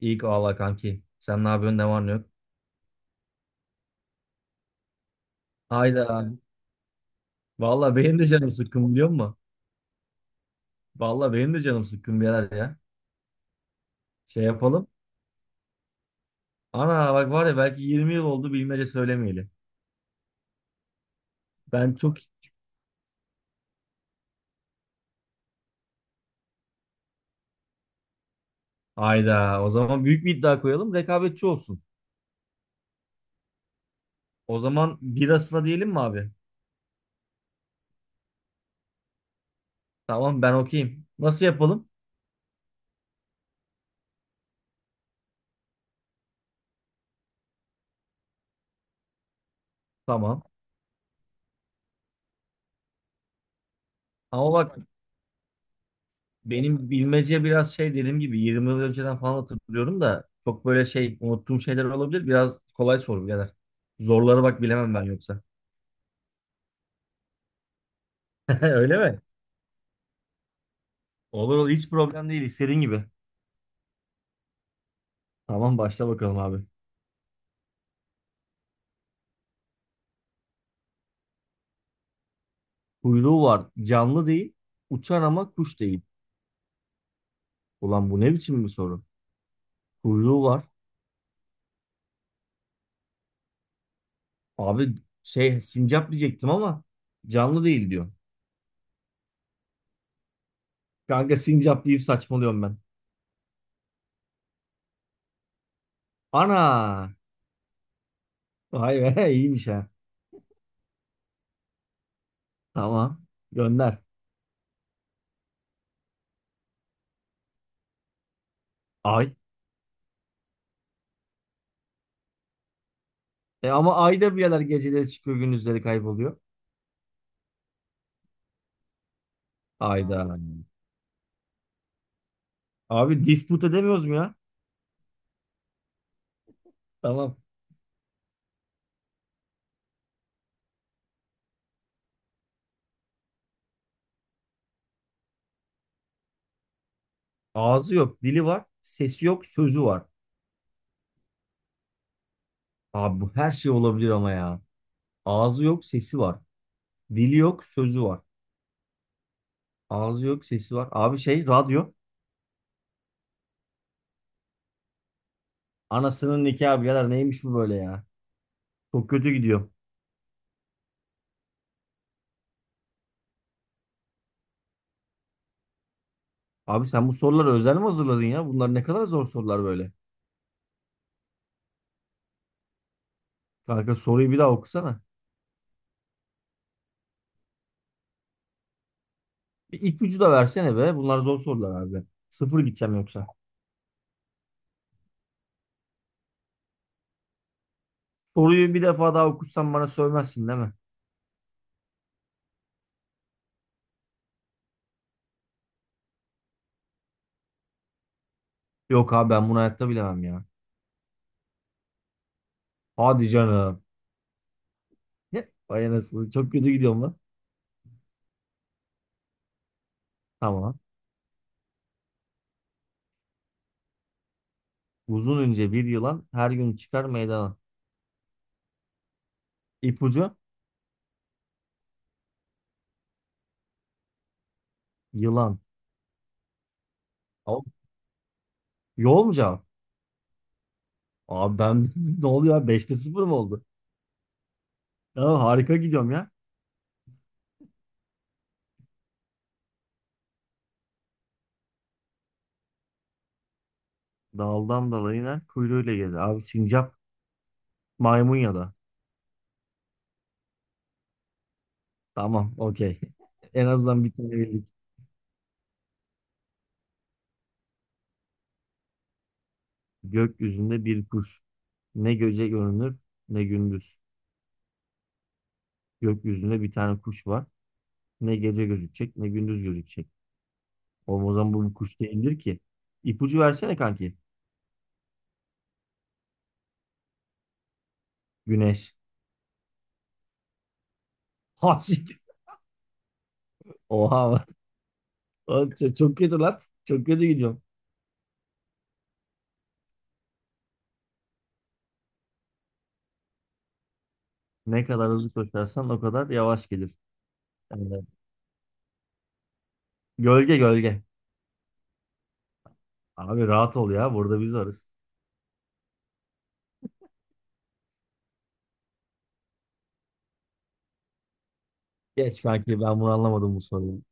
İyi ki valla kanki. Sen ne yapıyorsun, ne var ne yok? Hayda. Aynen. Valla benim de canım sıkkın, biliyor musun? Valla benim de canım sıkkın birader ya. Şey yapalım. Ana bak var ya, belki 20 yıl oldu bilmece söylemeyeli. Ben çok... Hayda. O zaman büyük bir iddia koyalım. Rekabetçi olsun. O zaman birasına diyelim mi abi? Tamam, ben okeyim. Nasıl yapalım? Tamam. Ama bak, benim bilmece biraz dediğim gibi 20 yıl önceden falan hatırlıyorum da çok böyle unuttuğum şeyler olabilir. Biraz kolay sor birader. Zorları bak bilemem ben yoksa. Öyle mi? Olur olur, hiç problem değil, istediğin gibi. Tamam, başla bakalım abi. Kuyruğu var, canlı değil, uçar ama kuş değil. Ulan bu ne biçim bir soru? Kuyruğu var. Abi sincap diyecektim ama canlı değil diyor. Kanka sincap deyip saçmalıyorum ben. Ana! Vay be, iyiymiş ha. Tamam, gönder. Ay. E ama ay da bir yerler geceleri çıkıyor, gündüzleri kayboluyor. Ayda. Abi dispute edemiyoruz mu ya? Tamam. Ağzı yok, dili var, sesi yok, sözü var. Abi bu her şey olabilir ama ya. Ağzı yok, sesi var. Dili yok, sözü var. Ağzı yok, sesi var. Abi radyo. Anasının nikahı birader, neymiş bu böyle ya? Çok kötü gidiyor. Abi sen bu soruları özel mi hazırladın ya? Bunlar ne kadar zor sorular böyle. Kanka soruyu bir daha okusana. Bir ipucu da versene be. Bunlar zor sorular abi. Sıfır gideceğim yoksa. Soruyu bir defa daha okursan bana sövmezsin değil mi? Yok abi, ben bunu hayatta bilemem ya. Hadi canım. Vay anasını. Çok kötü gidiyorum lan. Tamam. Uzun ince bir yılan her gün çıkar meydana. İpucu yılan. Tamam. Yol mu cevap? Abi ben ne oluyor abi? 5'te 0 mı oldu? Ya harika gidiyorum ya. Daldan dala iner, kuyruğuyla gelir. Abi sincap, maymun ya da. Tamam okey. En azından bir tane bildik. Gökyüzünde bir kuş. Ne gece görünür ne gündüz. Gökyüzünde bir tane kuş var. Ne gece gözükecek ne gündüz gözükecek. Oğlum o zaman bu bir kuş değildir ki. İpucu versene kanki. Güneş. Ha siktir. Oha. Oğlum çok kötü lan. Çok kötü gidiyorum. Ne kadar hızlı koşarsan o kadar yavaş gelir. Yani gölge. Abi rahat ol ya. Burada biz varız. Geç kanki, ben bunu anlamadım, bu soruyu.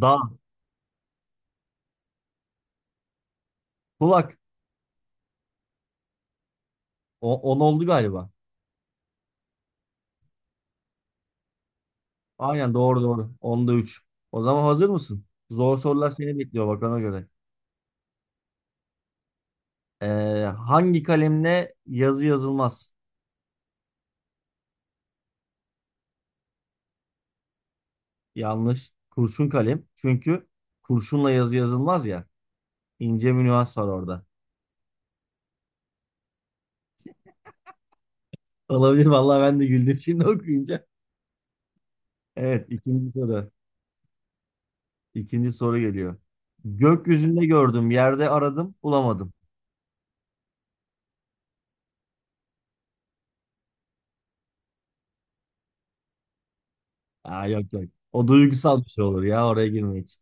Dağ. Kulak. O, 10 oldu galiba. Aynen, doğru doğru. Onda 3. O zaman hazır mısın? Zor sorular seni bekliyor, bak ona göre. Ee, hangi kalemle yazı yazılmaz? Yanlış. Kurşun kalem. Çünkü kurşunla yazı yazılmaz ya. İnce bir nüans var orada. Olabilir vallahi, ben de güldüm şimdi okuyunca. Evet, ikinci soru. İkinci soru geliyor. Gökyüzünde gördüm, yerde aradım, bulamadım. Aa, yok yok. O duygusal bir şey olur ya, oraya girme hiç.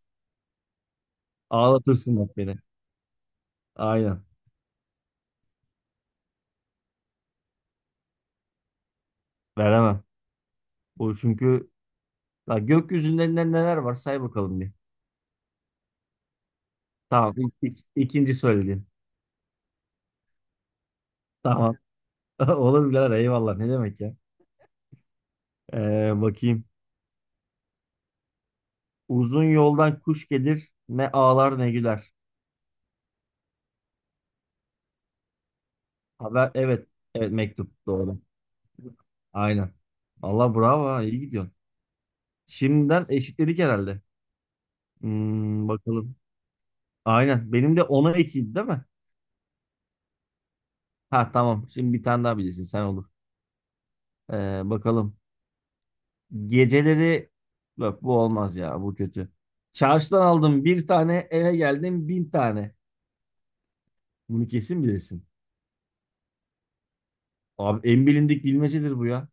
Ağlatırsın bak beni. Aynen. Veremem. Bu çünkü ya gökyüzünde neler var say bakalım bir. Tamam. İkinci söylediğin. Tamam. Olur birader, eyvallah, ne demek ya. Bakayım. Uzun yoldan kuş gelir, ne ağlar ne güler. Haber, evet. Evet, mektup doğru. Aynen. Allah bravo ha, iyi gidiyorsun. Şimdiden eşitledik herhalde. Hmm, bakalım. Aynen. Benim de ona 2'ydi değil mi? Ha tamam. Şimdi bir tane daha bilirsin sen, olur. Bakalım. Geceleri yok, bu olmaz ya. Bu kötü. Çarşıdan aldım bir tane, eve geldim bin tane. Bunu kesin bilirsin. Abi en bilindik bilmecedir bu ya.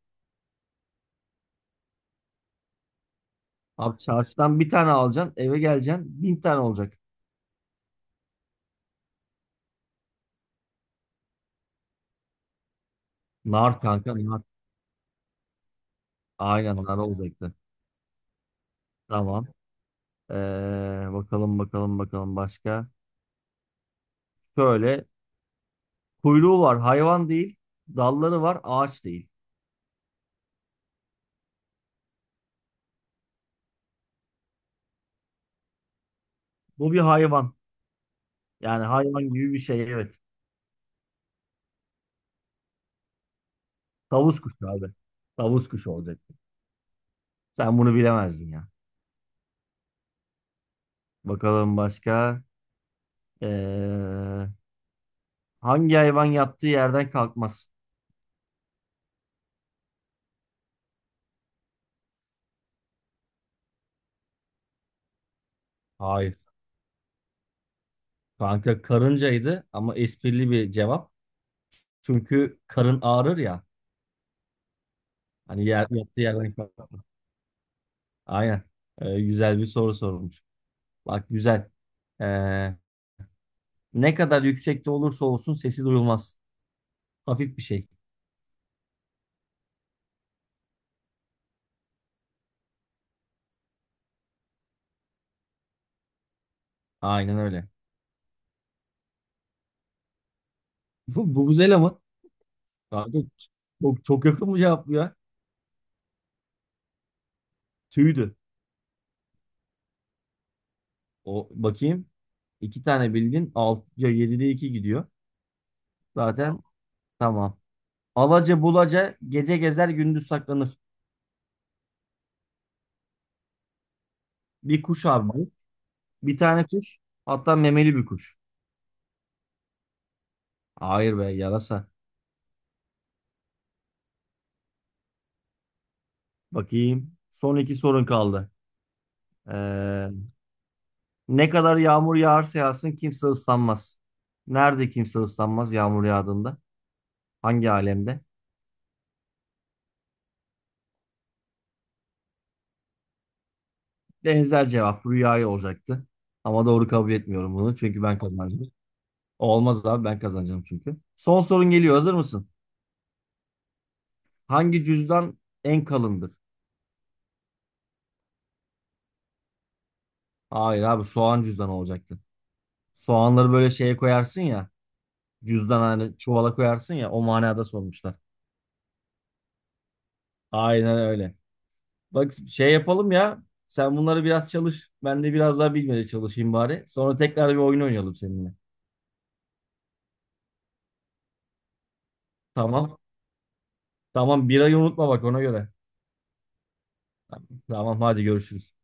Abi çarşıdan bir tane alacaksın, eve geleceksin bin tane olacak. Nar kanka, nar. Aynen, nar olacaktı. Tamam. Ee, bakalım başka. Şöyle, kuyruğu var, hayvan değil. Dalları var, ağaç değil. Bu bir hayvan. Yani hayvan gibi bir şey, evet. Tavus kuşu abi. Tavus kuşu olacak. Sen bunu bilemezdin ya. Bakalım başka. Ee, hangi hayvan yattığı yerden kalkmaz? Hayır. Kanka karıncaydı, ama esprili bir cevap. Çünkü karın ağrır ya. Hani yer, yattığı yerden kalkmaz. Aynen. Güzel bir soru sormuş. Bak güzel. Ee, ne kadar yüksekte olursa olsun sesi duyulmaz. Hafif bir şey. Aynen öyle. Bu Vuvuzela mı? Abi, çok yakın mı cevap bu ya? Tüydü. O bakayım. İki tane bildin. Ya 7'de 2 gidiyor. Zaten tamam. Alaca bulaca gece gezer, gündüz saklanır. Bir kuş abi bu. Bir tane kuş. Hatta memeli bir kuş. Hayır be, yarasa. Bakayım. Son iki sorun kaldı. Ee, ne kadar yağmur yağarsa yağsın kimse ıslanmaz. Nerede kimse ıslanmaz yağmur yağdığında? Hangi alemde? Benzer cevap rüyayı olacaktı. Ama doğru kabul etmiyorum bunu. Çünkü ben kazanacağım. Olmaz abi, ben kazanacağım çünkü. Son sorun geliyor. Hazır mısın? Hangi cüzdan en kalındır? Hayır abi, soğan cüzdanı olacaktı. Soğanları böyle şeye koyarsın ya. Cüzdan hani, çuvala koyarsın ya. O manada sormuşlar. Aynen öyle. Bak şey yapalım ya. Sen bunları biraz çalış. Ben de biraz daha bilmeye çalışayım bari. Sonra tekrar bir oyun oynayalım seninle. Tamam. Tamam, birayı unutma bak ona göre. Tamam, hadi görüşürüz.